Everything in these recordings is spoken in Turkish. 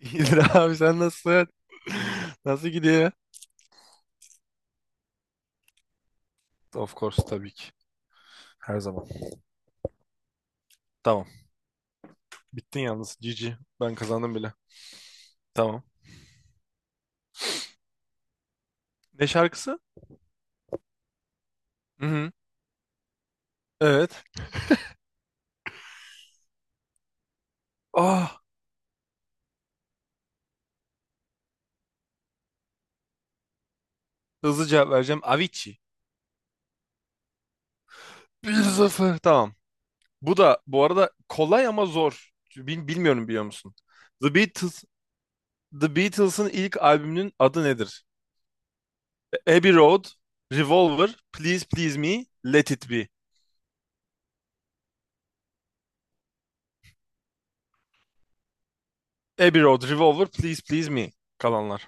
İyidir abi sen nasılsın? Nasıl gidiyor? Of course, tabii ki. Her zaman. Tamam. Bittin yalnız. GG. Ben kazandım bile. Tamam. Ne şarkısı? Hı hı. Evet. Ah, hızlı cevap vereceğim. Avicii. Bir 0. Tamam. Bu da bu arada kolay ama zor. Bilmiyorum, biliyor musun? The Beatles The Beatles'ın ilk albümünün adı nedir? Abbey Road, Revolver, Please Please Me, Let It Be. Abbey Road, Revolver, Please Please Me. Kalanlar.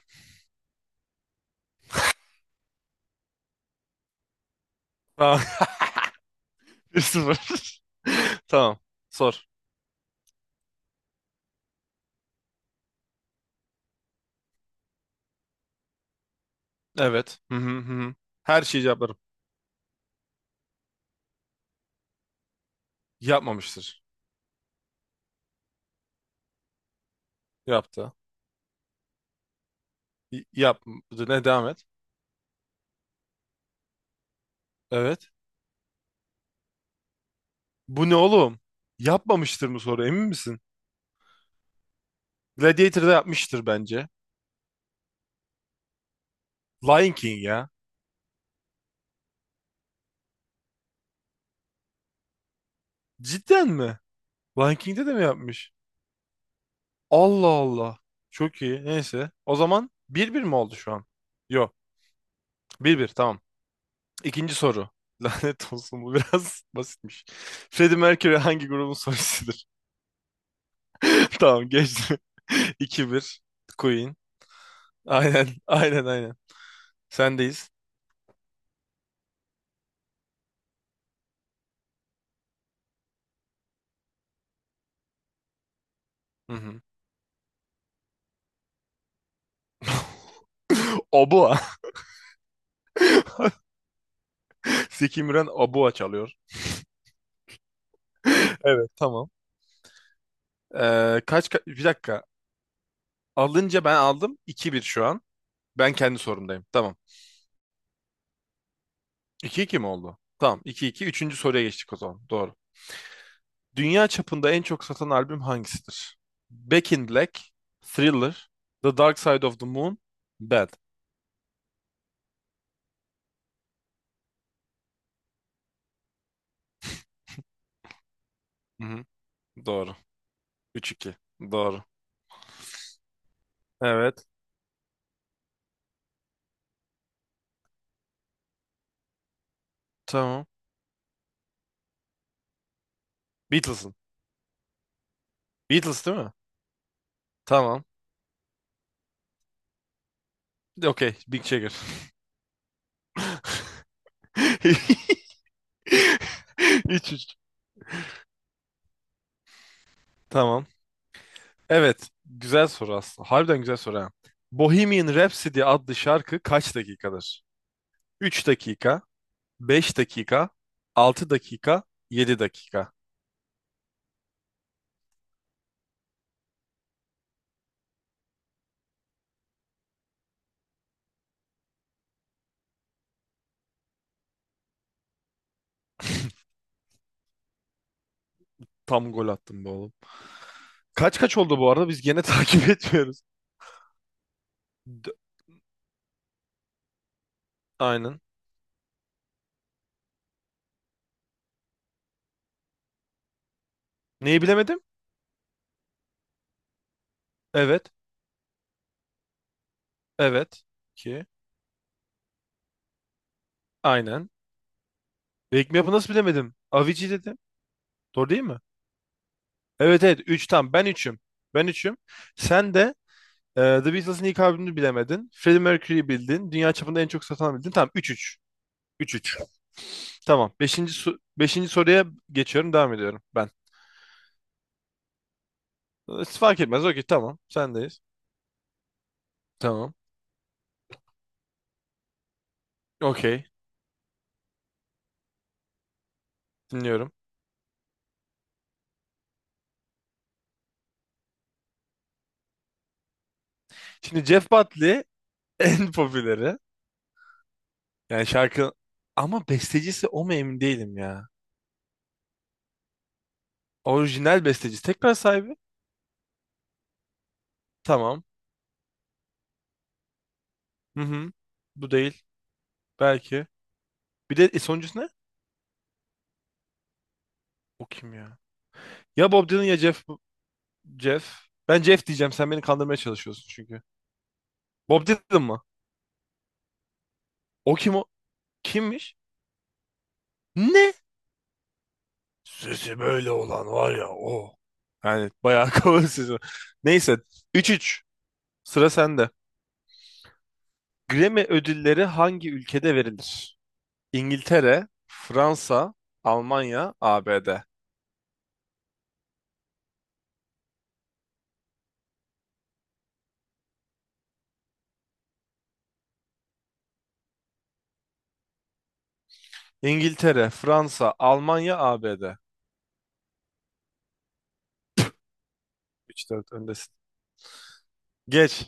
Tamam. 1-0. Tamam. Sor. Evet. Hı hı hı, hı. Her şeyi cevaplarım. Yapmamıştır. Yaptı. Yapmadı. Ne, devam et. Evet. Bu ne oğlum? Yapmamıştır mı soru, emin misin? Gladiator'da yapmıştır bence. Lion King ya. Cidden mi? Lion King'de de mi yapmış? Allah Allah. Çok iyi. Neyse. O zaman bir bir mi oldu şu an? Yok. Bir bir, tamam. İkinci soru. Lanet olsun, bu biraz basitmiş. Freddie Mercury hangi grubun solistidir? Tamam, geçti. 2-1. Queen. Aynen, aynen, aynen. Sendeyiz. Hı hı. Obua. Zeki Müren Obua çalıyor. Evet, tamam. Bir dakika. Alınca ben aldım. 2-1 şu an. Ben kendi sorumdayım. Tamam. 2-2 mi oldu? Tamam, iki iki. Üçüncü soruya geçtik o zaman. Doğru. Dünya çapında en çok satan albüm hangisidir? Back in Black, Thriller, The Dark Side of the Moon, Bad. Hı hı. Doğru. 3-2. Doğru. Evet. Tamam. Beatles'ın. Beatles değil mi? Tamam. Okey. Big Checker. 3-3. Tamam. Evet. Güzel soru aslında. Harbiden güzel soru ha. Bohemian Rhapsody adlı şarkı kaç dakikadır? 3 dakika, 5 dakika, 6 dakika, 7 dakika. Tam gol attım be oğlum. Kaç kaç oldu bu arada? Biz gene takip etmiyoruz. D- Aynen. Neyi bilemedim? Evet. Evet. 2. Aynen. Wake Me Up'ı nasıl bilemedim? Avicii dedim. Doğru değil mi? Evet, evet, 3 tam. Ben üçüm. Ben üçüm. Sen de The Beatles'ın ilk albümünü bilemedin. Freddie Mercury'yi bildin. Dünya çapında en çok satan bildin. Tamam, 3-3. 3-3. Tamam. 5. Beşinci soruya geçiyorum. Devam ediyorum ben. Fark etmez. Okey, tamam. Sendeyiz. Tamam. Okey. Dinliyorum. Şimdi Jeff Buckley en popüleri. Yani şarkı, ama bestecisi o mu, emin değilim ya. Orijinal bestecisi. Tekrar sahibi. Tamam. Hı hı. Bu değil. Belki. Bir de sonuncusu ne? O kim ya? Ya Bob Dylan ya Jeff. Jeff. Ben Jeff diyeceğim. Sen beni kandırmaya çalışıyorsun çünkü. Bob Dylan mı? O kim o? Kimmiş? Ne? Sesi böyle olan var ya o. Yani bayağı kalın sesi var. Neyse. 3-3. Sıra sende. Grammy ödülleri hangi ülkede verilir? İngiltere, Fransa, Almanya, ABD. İngiltere, Fransa, Almanya, ABD. 3-4 öndesin. Geç.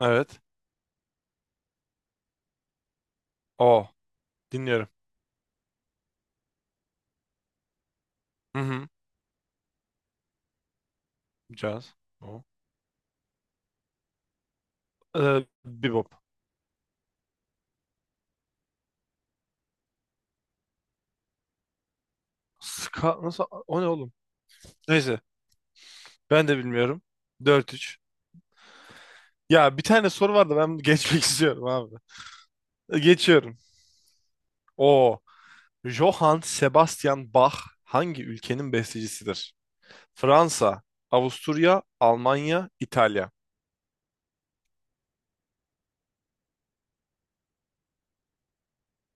Evet. O. Dinliyorum. Hı hı. Caz. O. Bebop. Ska nasıl? O ne oğlum? Neyse. Ben de bilmiyorum. 4-3. Ya bir tane soru vardı, ben bunu geçmek istiyorum abi. Geçiyorum. O Johann Sebastian Bach hangi ülkenin bestecisidir? Fransa, Avusturya, Almanya, İtalya.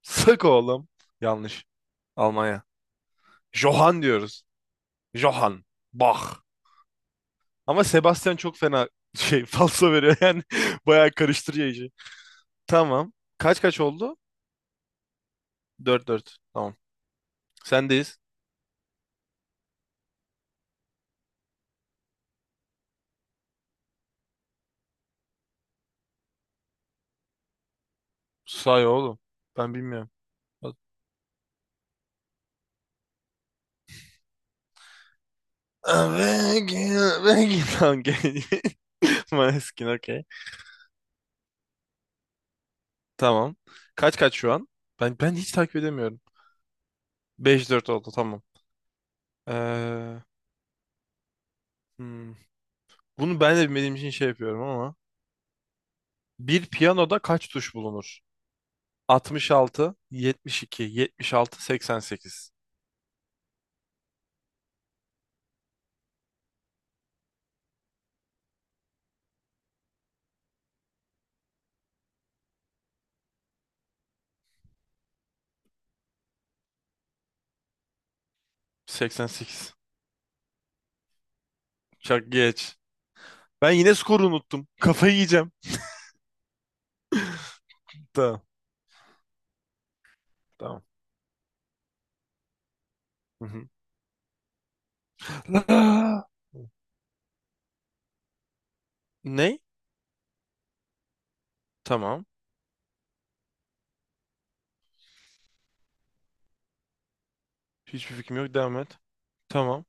Sık oğlum. Yanlış. Almanya. Johann diyoruz. Johann Bach. Ama Sebastian çok fena şey falso veriyor yani bayağı karıştırıyor işi. Tamam. Kaç kaç oldu? 4-4. Tamam. Sendeyiz. Say oğlum. Ben bilmiyorum. Bak. Begin, begin. Tamam, gel. Maneskin, okey. Tamam. Kaç kaç şu an? Ben hiç takip edemiyorum. 5-4 oldu, tamam. Ee, hmm. Bunu ben de bilmediğim için şey yapıyorum ama. Bir piyanoda kaç tuş bulunur? 66, 72, 76, 88, 88. Çok geç. Ben yine skoru unuttum. Kafayı yiyeceğim. Tamam. tamam. Hı hı. La- Ne? Tamam. Hiçbir fikrim yok. Devam et. Tamam.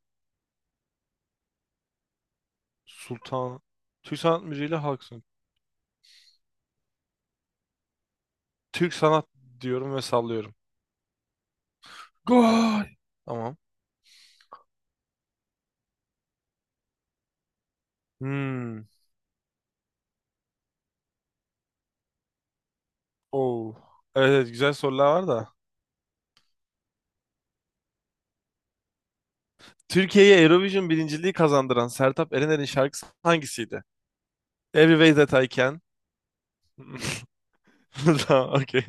Sultan. Türk sanat müziğiyle halk sanat. Türk sanat diyorum ve sallıyorum. Gol. Tamam. Hmm. Oo. Evet, evet, güzel sorular var da. Türkiye'ye Eurovision birinciliği kazandıran Sertab Erener'in şarkısı hangisiydi? Every Way That I Can. Tamam, okey.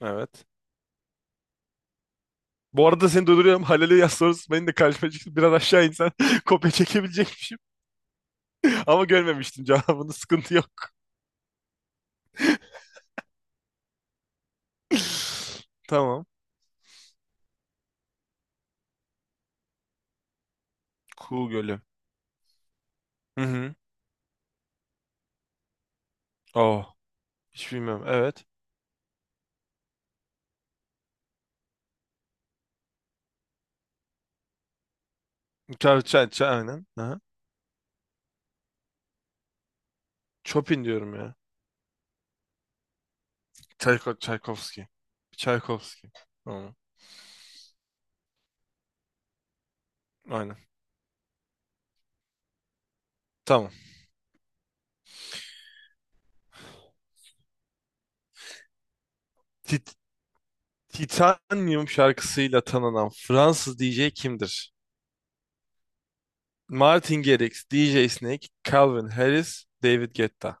Evet. Bu arada seni durduruyorum. Halil'e yaz sorusu benim de karşıma çıktı. Biraz aşağı insen kopya çekebilecekmişim. Ama görmemiştim cevabını. Sıkıntı yok. Tamam. Kuğu Gölü. Hı hı. Oh. Hiç bilmiyorum. Evet. Çay, çay, çay, aynen. Aha. Chopin diyorum ya. Çaykovski. Çaykovski. Tamam. Aynen. Tamam. Tit- Titanium şarkısıyla tanınan Fransız DJ kimdir? Martin Garrix, DJ Snake, Calvin Harris, David Guetta.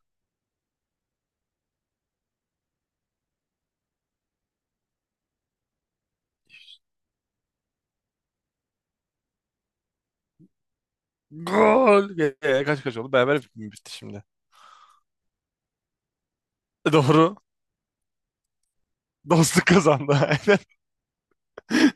Gol! Kaç kaç oldu? Beraber bitti şimdi. Doğru. Dostluk kazandı. Aynen.